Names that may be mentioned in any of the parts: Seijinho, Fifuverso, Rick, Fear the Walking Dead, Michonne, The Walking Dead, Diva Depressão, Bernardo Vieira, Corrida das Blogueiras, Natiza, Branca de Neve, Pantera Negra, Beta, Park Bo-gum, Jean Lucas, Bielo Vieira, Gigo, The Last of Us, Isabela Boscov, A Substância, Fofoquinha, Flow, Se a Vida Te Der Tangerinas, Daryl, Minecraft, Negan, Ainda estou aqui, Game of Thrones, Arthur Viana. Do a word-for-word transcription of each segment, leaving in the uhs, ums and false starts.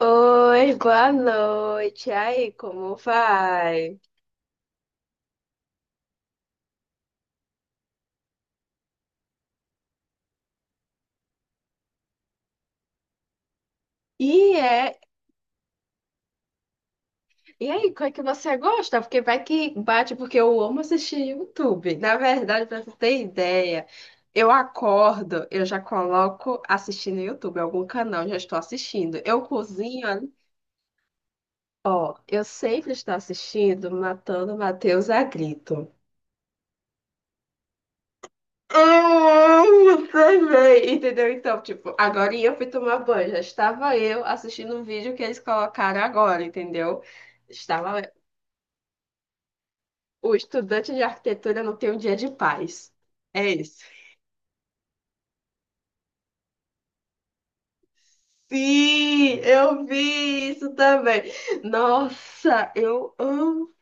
Oi, boa noite. E aí, como vai? E é, e aí, qual é que você gosta? Porque vai que bate, porque eu amo assistir YouTube. Na verdade, pra você ter ideia, eu acordo, eu já coloco assistindo YouTube, algum canal, já estou assistindo. Eu cozinho, ó, eu sempre estou assistindo Matando Matheus a Grito. Eu também, entendeu? Então, tipo, agora eu fui tomar banho. Já estava eu assistindo um vídeo que eles colocaram agora, entendeu? Estava o estudante de arquitetura não tem um dia de paz. É isso. Sim, eu vi isso também. Nossa, eu amo.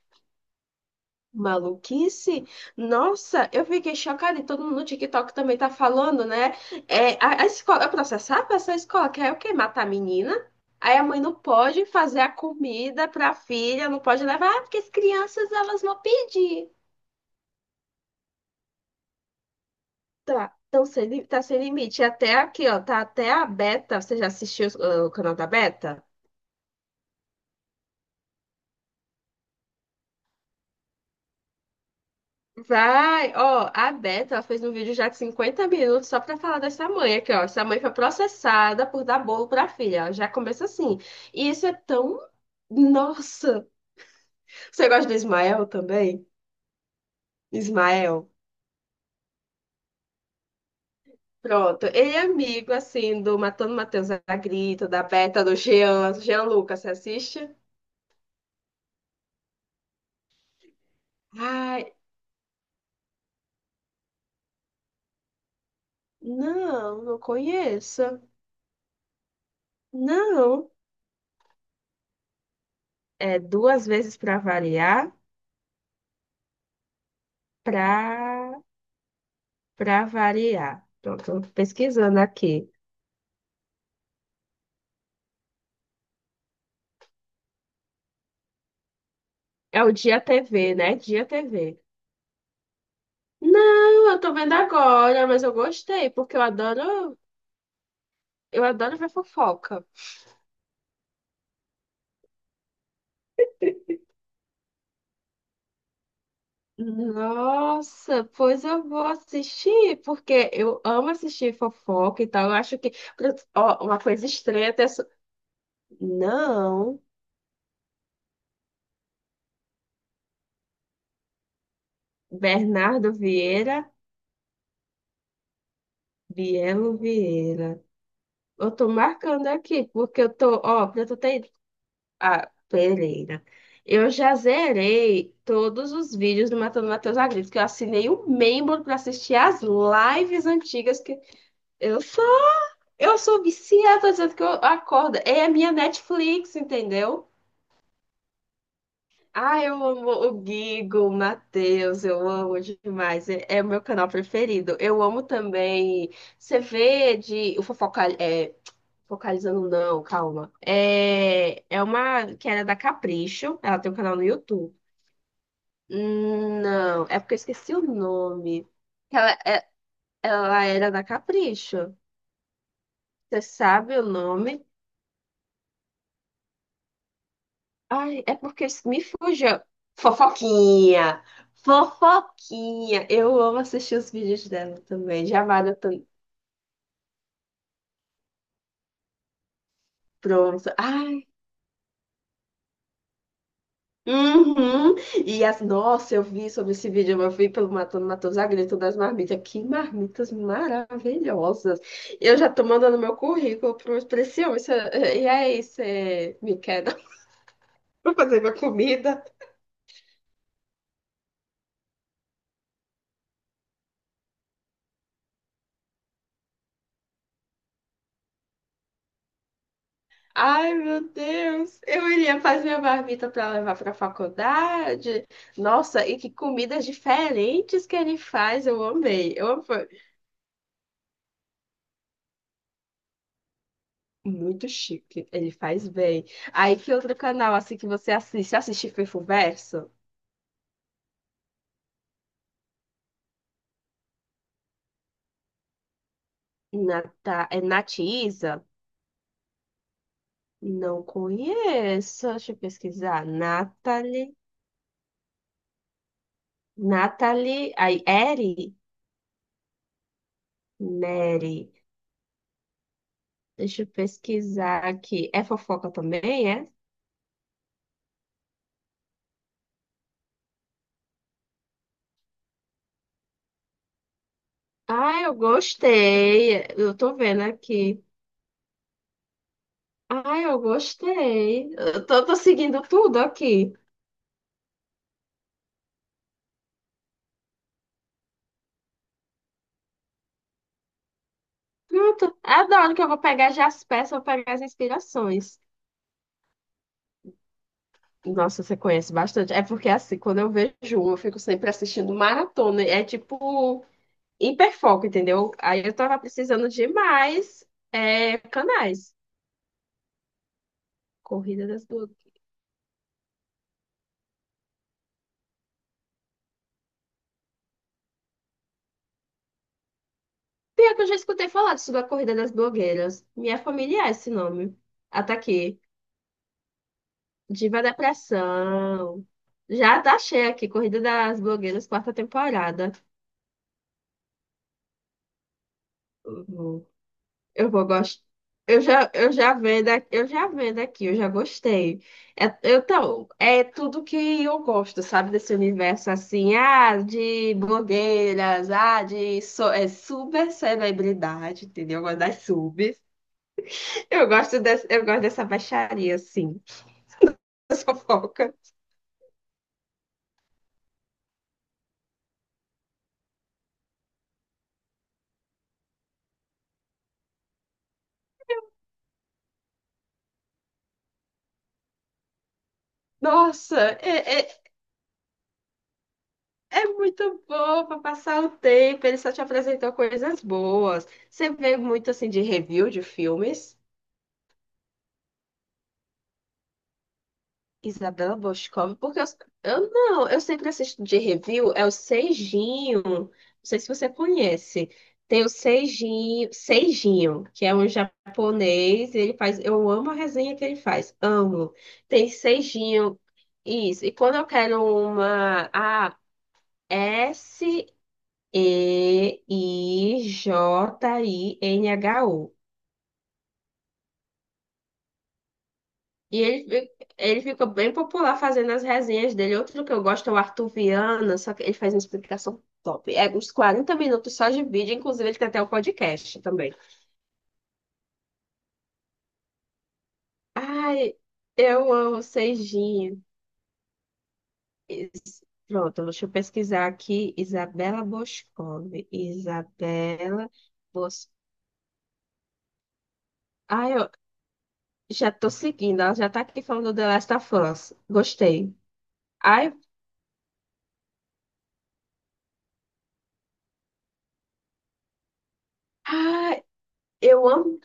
Maluquice? Nossa, eu fiquei chocada e todo mundo no TikTok também tá falando, né? É, a, a escola, eu processava essa escola, quer o quê? Matar a menina? Aí a mãe não pode fazer a comida pra filha, não pode levar, ah, porque as crianças elas vão pedir. Tá, então sem, li- tá sem limite. E até aqui, ó, tá até a Beta, você já assistiu, ah, o canal da Beta? Vai, ó, a Beta, ela fez um vídeo já de cinquenta minutos só pra falar dessa mãe aqui, ó. Essa mãe foi processada por dar bolo pra filha, ó. Já começa assim. E isso é tão. Nossa! Você gosta do Ismael também? Ismael. Pronto. Ele é amigo, assim, do Matando Matheus da Grito, da Beta, do Jean. Jean Lucas, você assiste? Ai, não, não conheço. Não. É duas vezes pra variar, pra. Para variar. Pronto, tô pesquisando aqui. É o Dia T V, né? Dia T V. Não, eu tô vendo agora, mas eu gostei, porque eu adoro, eu adoro ver fofoca. Nossa, pois eu vou assistir, porque eu amo assistir fofoca e tal. Eu acho que, ó, uma coisa estranha até so- Não, Bernardo Vieira, Bielo Vieira. Eu tô marcando aqui, porque eu tô, ó, pra tu ter. Ah, Pereira. Eu já zerei todos os vídeos do Matando Matheus Agripto, que eu assinei o membro para assistir as lives antigas que eu sou, eu sou viciada, dizendo que eu acordo. É a minha Netflix, entendeu? Ah, eu amo o Gigo, o Matheus, eu amo demais. É, é o meu canal preferido. Eu amo também. Você vê de o fofoca, é, focalizando não, calma. É, é uma que era da Capricho. Ela tem um canal no YouTube. Hum, Não, é porque eu esqueci o nome. Ela, é- ela era da Capricho. Você sabe o nome? Ai, é porque me fuja. Fofoquinha! Fofoquinha! Eu amo assistir os vídeos dela também. Já vale tanto. Pronto. Ai. Uhum. E as, nossa, eu vi sobre esse vídeo, eu vi pelo Matando Matheus a Grito das marmitas. Que marmitas maravilhosas. Eu já tô mandando meu currículo para esse homem. Isso é- E aí, você me quer dar pra fazer minha comida? Ai, meu Deus. Eu iria fazer minha marmita para levar para a faculdade. Nossa, e que comidas diferentes que ele faz. Eu amei. Eu amo. Muito chique. Ele faz bem. Aí, que outro canal, assim, que você assiste? Você assiste Fifuverso? Nata... É Natiza? Não conheço. Deixa eu pesquisar. Natalie. Natalie. Aí, Eri? Neri. Deixa eu pesquisar aqui. É fofoca também, é? Ah, eu gostei. Eu tô vendo aqui. Ah, eu gostei. Eu tô, tô seguindo tudo aqui. Pronto. Adoro que eu vou pegar já as peças, vou pegar as inspirações. Nossa, você conhece bastante. É porque assim, quando eu vejo uma, eu fico sempre assistindo maratona. É tipo hiperfoco, entendeu? Aí eu tava precisando de mais é, canais. Corrida das blogueiras. Pior que eu já escutei falar disso da Corrida das Blogueiras. Minha família é esse nome. Ah, tá aqui. Diva Depressão. Já tá cheia aqui, Corrida das Blogueiras, quarta temporada. Uhum. Eu vou gostar. Eu já, eu já vendo aqui, eu já vendo aqui, eu já gostei. É, eu, então, é tudo que eu gosto, sabe, desse universo assim, ah, de blogueiras, ah, de so, é, super celebridade, entendeu? Eu gosto das subs. Eu gosto dessa, eu gosto dessa baixaria, assim, dessa fofoca. Nossa, é, é, é muito bom para passar o tempo. Ele só te apresentou coisas boas. Você vê muito assim de review de filmes. Isabela Boscov, porque eu, eu não, eu sempre assisto de review, é o Seijinho, não sei se você conhece, tem o Seijinho, Seijinho, que é um japonês, ele faz, eu amo a resenha que ele faz, amo. Tem Seijinho, isso, e quando eu quero uma, a S-E-I-J-I-N-H-U, e ele, fi- ele ficou bem popular fazendo as resenhas dele. Outro que eu gosto é o Arthur Viana, só que ele faz uma explicação top. É uns quarenta minutos só de vídeo, inclusive ele tem até o podcast também. Ai, eu amo Serginho. Is- Pronto, deixa eu pesquisar aqui. Isabela Boscov. Isabela Bos... Ai, eu já tô seguindo, ela já tá aqui falando do The Last of Us. Gostei. Ai, ai, eu amo.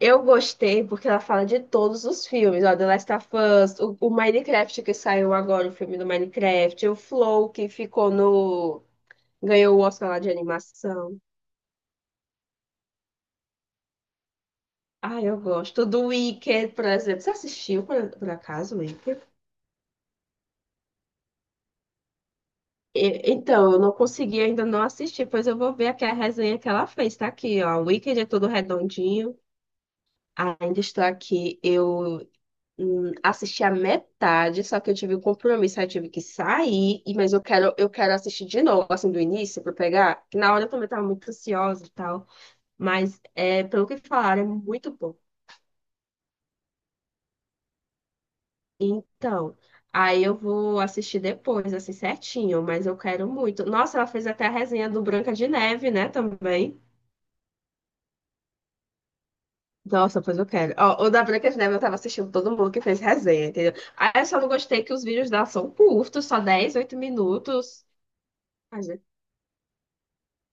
Eu gostei porque ela fala de todos os filmes, ó, The Last of Us, o, o Minecraft que saiu agora, o filme do Minecraft, o Flow que ficou no... ganhou o Oscar lá de animação. Ah, eu gosto. Do Wicked, por exemplo. Você assistiu, por, por acaso, o Wicked? E- então, eu não consegui ainda não assistir, pois eu vou ver aqui a resenha que ela fez. Tá aqui, ó. O Wicked é todo redondinho. Ainda estou aqui. Eu hum, assisti a metade, só que eu tive um compromisso, aí eu tive que sair, e- mas eu quero, eu quero assistir de novo, assim, do início, pra pegar, que na hora eu também tava muito ansiosa e tal, mas é, pelo que falaram, é muito bom. Então, aí eu vou assistir depois, assim, certinho, mas eu quero muito. Nossa, ela fez até a resenha do Branca de Neve, né, também. Nossa, pois eu quero. Ó, o da Branca de Neve eu tava assistindo todo mundo que fez resenha, entendeu? Aí eu só não gostei que os vídeos dela são curtos, só dez, oito minutos.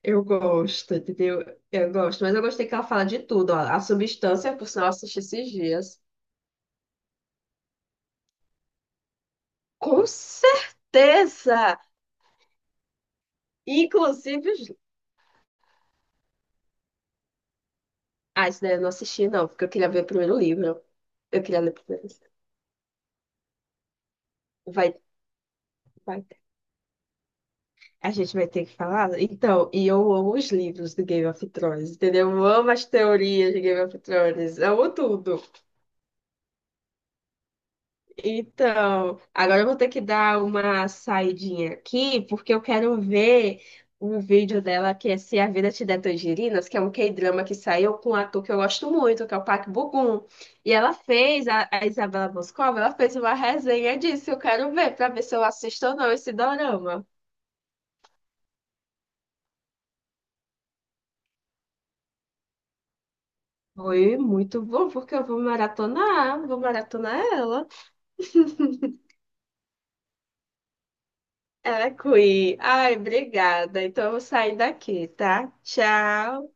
Eu gosto, entendeu? Eu gosto, mas eu gostei que ela fala de tudo, ó. A substância, por sinal, eu assisti esses dias. Com certeza! Inclusive. Os- Ah, isso daí eu não assisti, não, porque eu queria ver primeiro o livro. Eu queria ler primeiro. Vai, vai. A gente vai ter que falar? Então, e eu amo os livros do Game of Thrones, entendeu? Eu amo as teorias de Game of Thrones, eu amo tudo. Então, agora eu vou ter que dar uma saidinha aqui, porque eu quero ver um vídeo dela que é Se a Vida Te Der Tangerinas, que é um K-drama que saiu com um ator que eu gosto muito, que é o Park Bo-gum. E ela fez, a, a Isabela Boscova, ela fez uma resenha disso, eu quero ver, pra ver se eu assisto ou não esse dorama. Foi muito bom, porque eu vou maratonar, vou maratonar ela. Ela é Queen. Ai, obrigada. Então eu vou sair daqui, tá? Tchau.